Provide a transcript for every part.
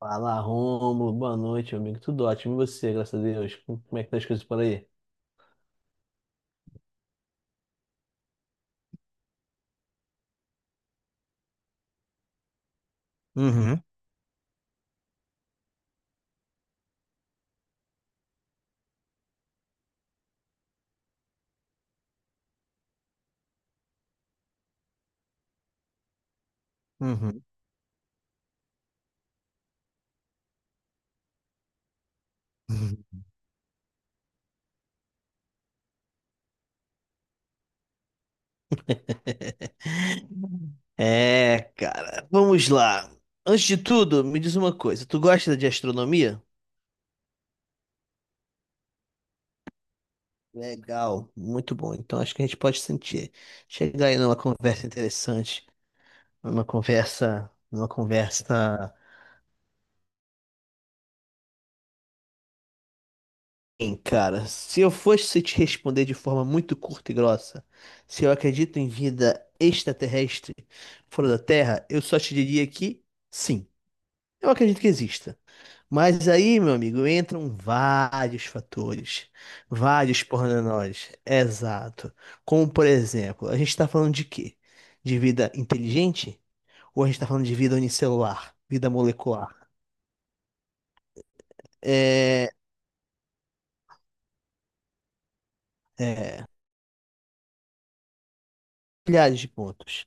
Fala, Rômulo. Boa noite, meu amigo. Tudo ótimo. E você, graças a Deus? Como é que tá as coisas por aí? Uhum. É, cara, vamos lá. Antes de tudo, me diz uma coisa. Tu gosta de astronomia? Legal, muito bom. Então acho que a gente pode sentir. Chegar aí numa conversa interessante, numa conversa. Bem, cara, se eu fosse te responder de forma muito curta e grossa, se eu acredito em vida extraterrestre fora da Terra, eu só te diria que sim, eu acredito que exista. Mas aí, meu amigo, entram vários fatores, vários pormenores. Exato. Como, por exemplo, a gente está falando de quê? De vida inteligente? Ou a gente está falando de vida unicelular, vida molecular? É, é, milhares de pontos.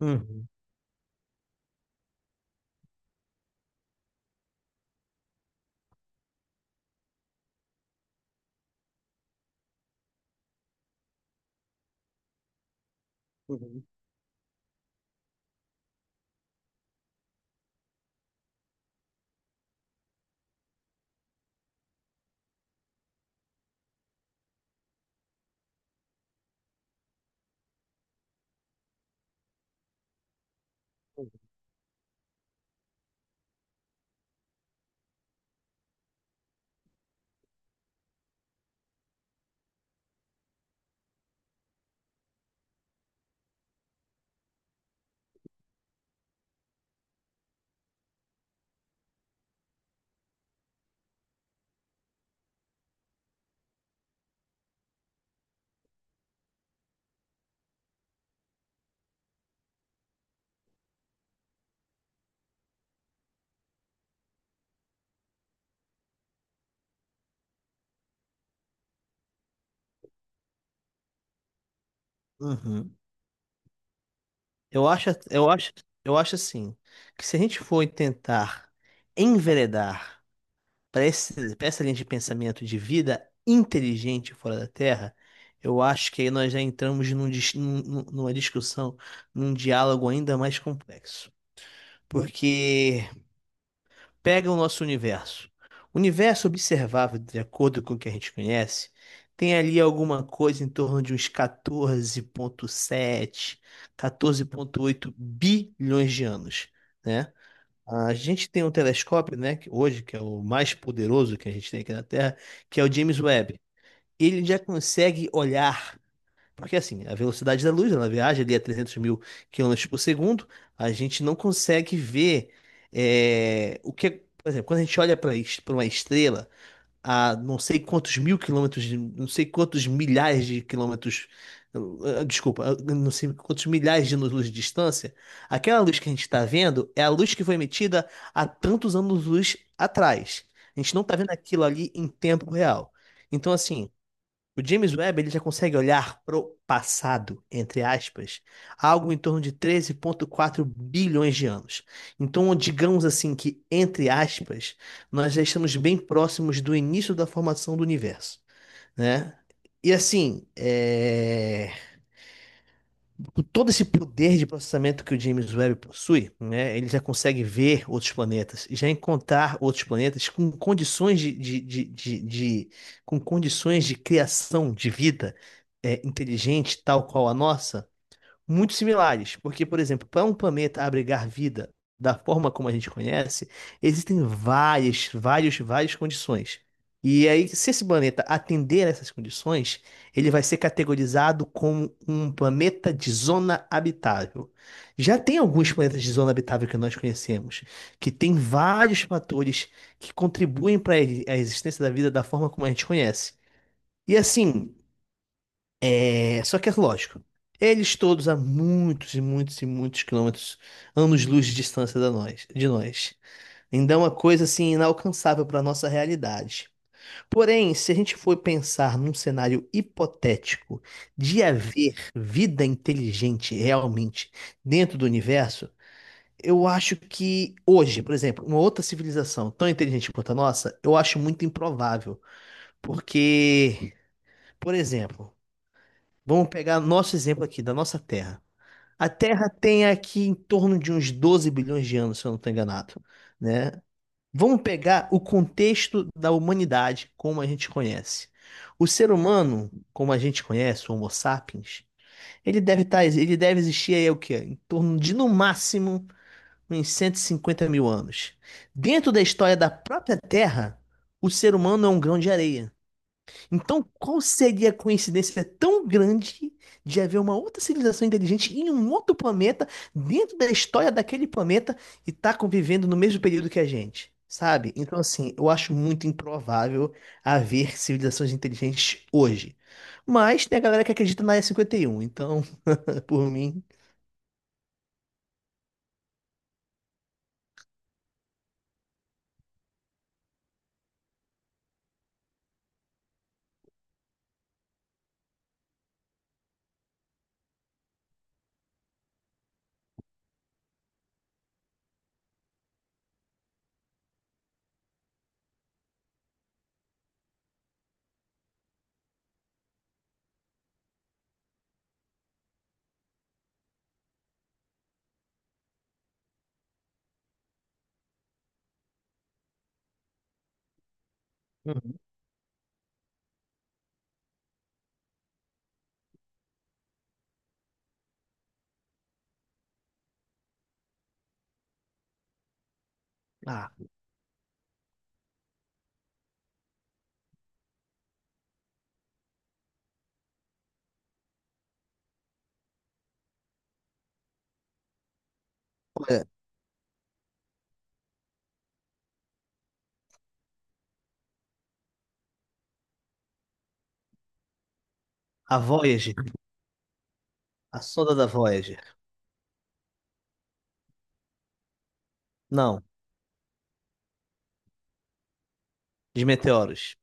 Uhum. Uhum. Uhum. Eu acho, eu acho, eu acho assim, que se a gente for tentar enveredar para essa linha de pensamento de vida inteligente fora da Terra, eu acho que aí nós já entramos numa discussão, num diálogo ainda mais complexo. Porque pega o nosso universo. O universo observável, de acordo com o que a gente conhece, tem ali alguma coisa em torno de uns 14,7, oito bilhões de anos, né? A gente tem um telescópio, né, que hoje, que é o mais poderoso que a gente tem aqui na Terra, que é o James Webb. Ele já consegue olhar porque assim, a velocidade da luz, ela viaja ali a 300 mil quilômetros por segundo. A gente não consegue ver é, o que, é- por exemplo, quando a gente olha para uma estrela a não sei quantos mil quilômetros, não sei quantos milhares de quilômetros, desculpa, não sei quantos milhares de anos-luz de distância, aquela luz que a gente está vendo é a luz que foi emitida há tantos anos-luz atrás. A gente não está vendo aquilo ali em tempo real. Então, assim, o James Webb ele já consegue olhar pro passado, entre aspas, algo em torno de 13,4 bilhões de anos. Então, digamos assim que, entre aspas, nós já estamos bem próximos do início da formação do universo, né? E assim, é com todo esse poder de processamento que o James Webb possui, né, ele já consegue ver outros planetas, já encontrar outros planetas com condições de- com condições de criação de vida inteligente, tal qual a nossa, muito similares, porque, por exemplo, para um planeta abrigar vida da forma como a gente conhece, existem várias condições. E aí, se esse planeta atender a essas condições, ele vai ser categorizado como um planeta de zona habitável. Já tem alguns planetas de zona habitável que nós conhecemos, que tem vários fatores que contribuem para a existência da vida da forma como a gente conhece. E assim, é, só que é lógico. Eles todos há muitos e muitos e muitos quilômetros, anos-luz de distância de nós. Então é uma coisa assim inalcançável para nossa realidade. Porém, se a gente for pensar num cenário hipotético de haver vida inteligente realmente dentro do universo, eu acho que hoje, por exemplo, uma outra civilização tão inteligente quanto a nossa, eu acho muito improvável, porque, por exemplo, vamos pegar nosso exemplo aqui da nossa Terra. A Terra tem aqui em torno de uns 12 bilhões de anos, se eu não estou enganado, né? Vamos pegar o contexto da humanidade como a gente conhece. O ser humano, como a gente conhece, o Homo sapiens, ele deve existir aí o quê? Em torno de no máximo uns 150.000 anos. Dentro da história da própria Terra, o ser humano é um grão de areia. Então, qual seria a coincidência tão grande de haver uma outra civilização inteligente em um outro planeta, dentro da história daquele planeta, e tá convivendo no mesmo período que a gente? Sabe? Então, assim, eu acho muito improvável haver civilizações inteligentes hoje. Mas tem a galera que acredita na E51, então, por mim. Uhum. Ah, olha, a Voyager, a sonda da Voyager. Não, de meteoros.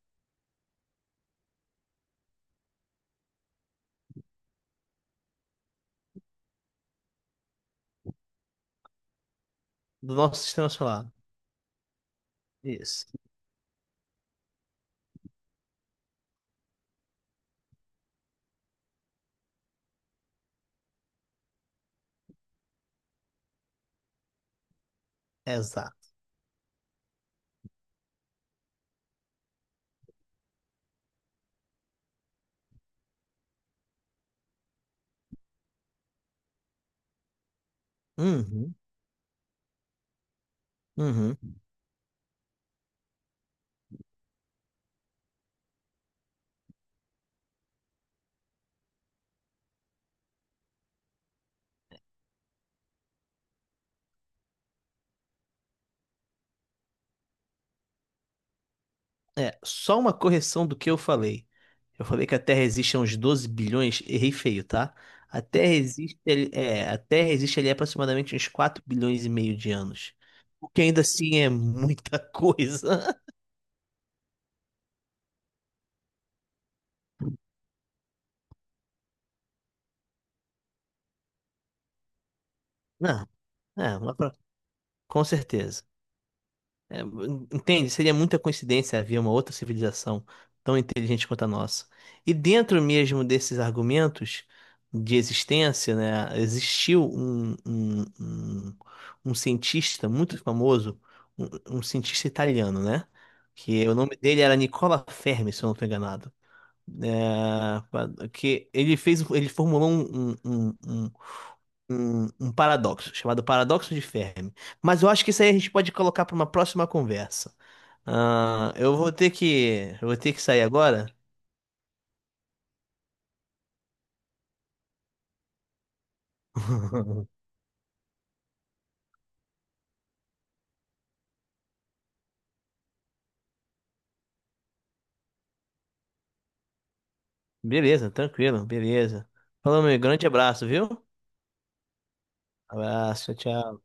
Do nosso sistema solar. Isso, exato. Uhum, uhum. É, só uma correção do que eu falei. Eu falei que a Terra existe há uns 12 bilhões, errei feio, tá? A Terra existe, é, a Terra existe ali há aproximadamente uns 4,5 bilhões de anos. O que ainda assim é muita coisa. Não, é, com certeza. É, entende? Seria muita coincidência haver uma outra civilização tão inteligente quanto a nossa. E dentro mesmo desses argumentos de existência, né, existiu um cientista muito famoso, um cientista italiano, né? Que o nome dele era Nicola Fermi, se eu não estou enganado. Que ele fez, ele formulou um paradoxo, chamado paradoxo de Fermi. Mas eu acho que isso aí a gente pode colocar para uma próxima conversa. Ah, eu vou ter que sair agora. Beleza, tranquilo, beleza. Falou, meu grande abraço, viu? Abraço, tchau.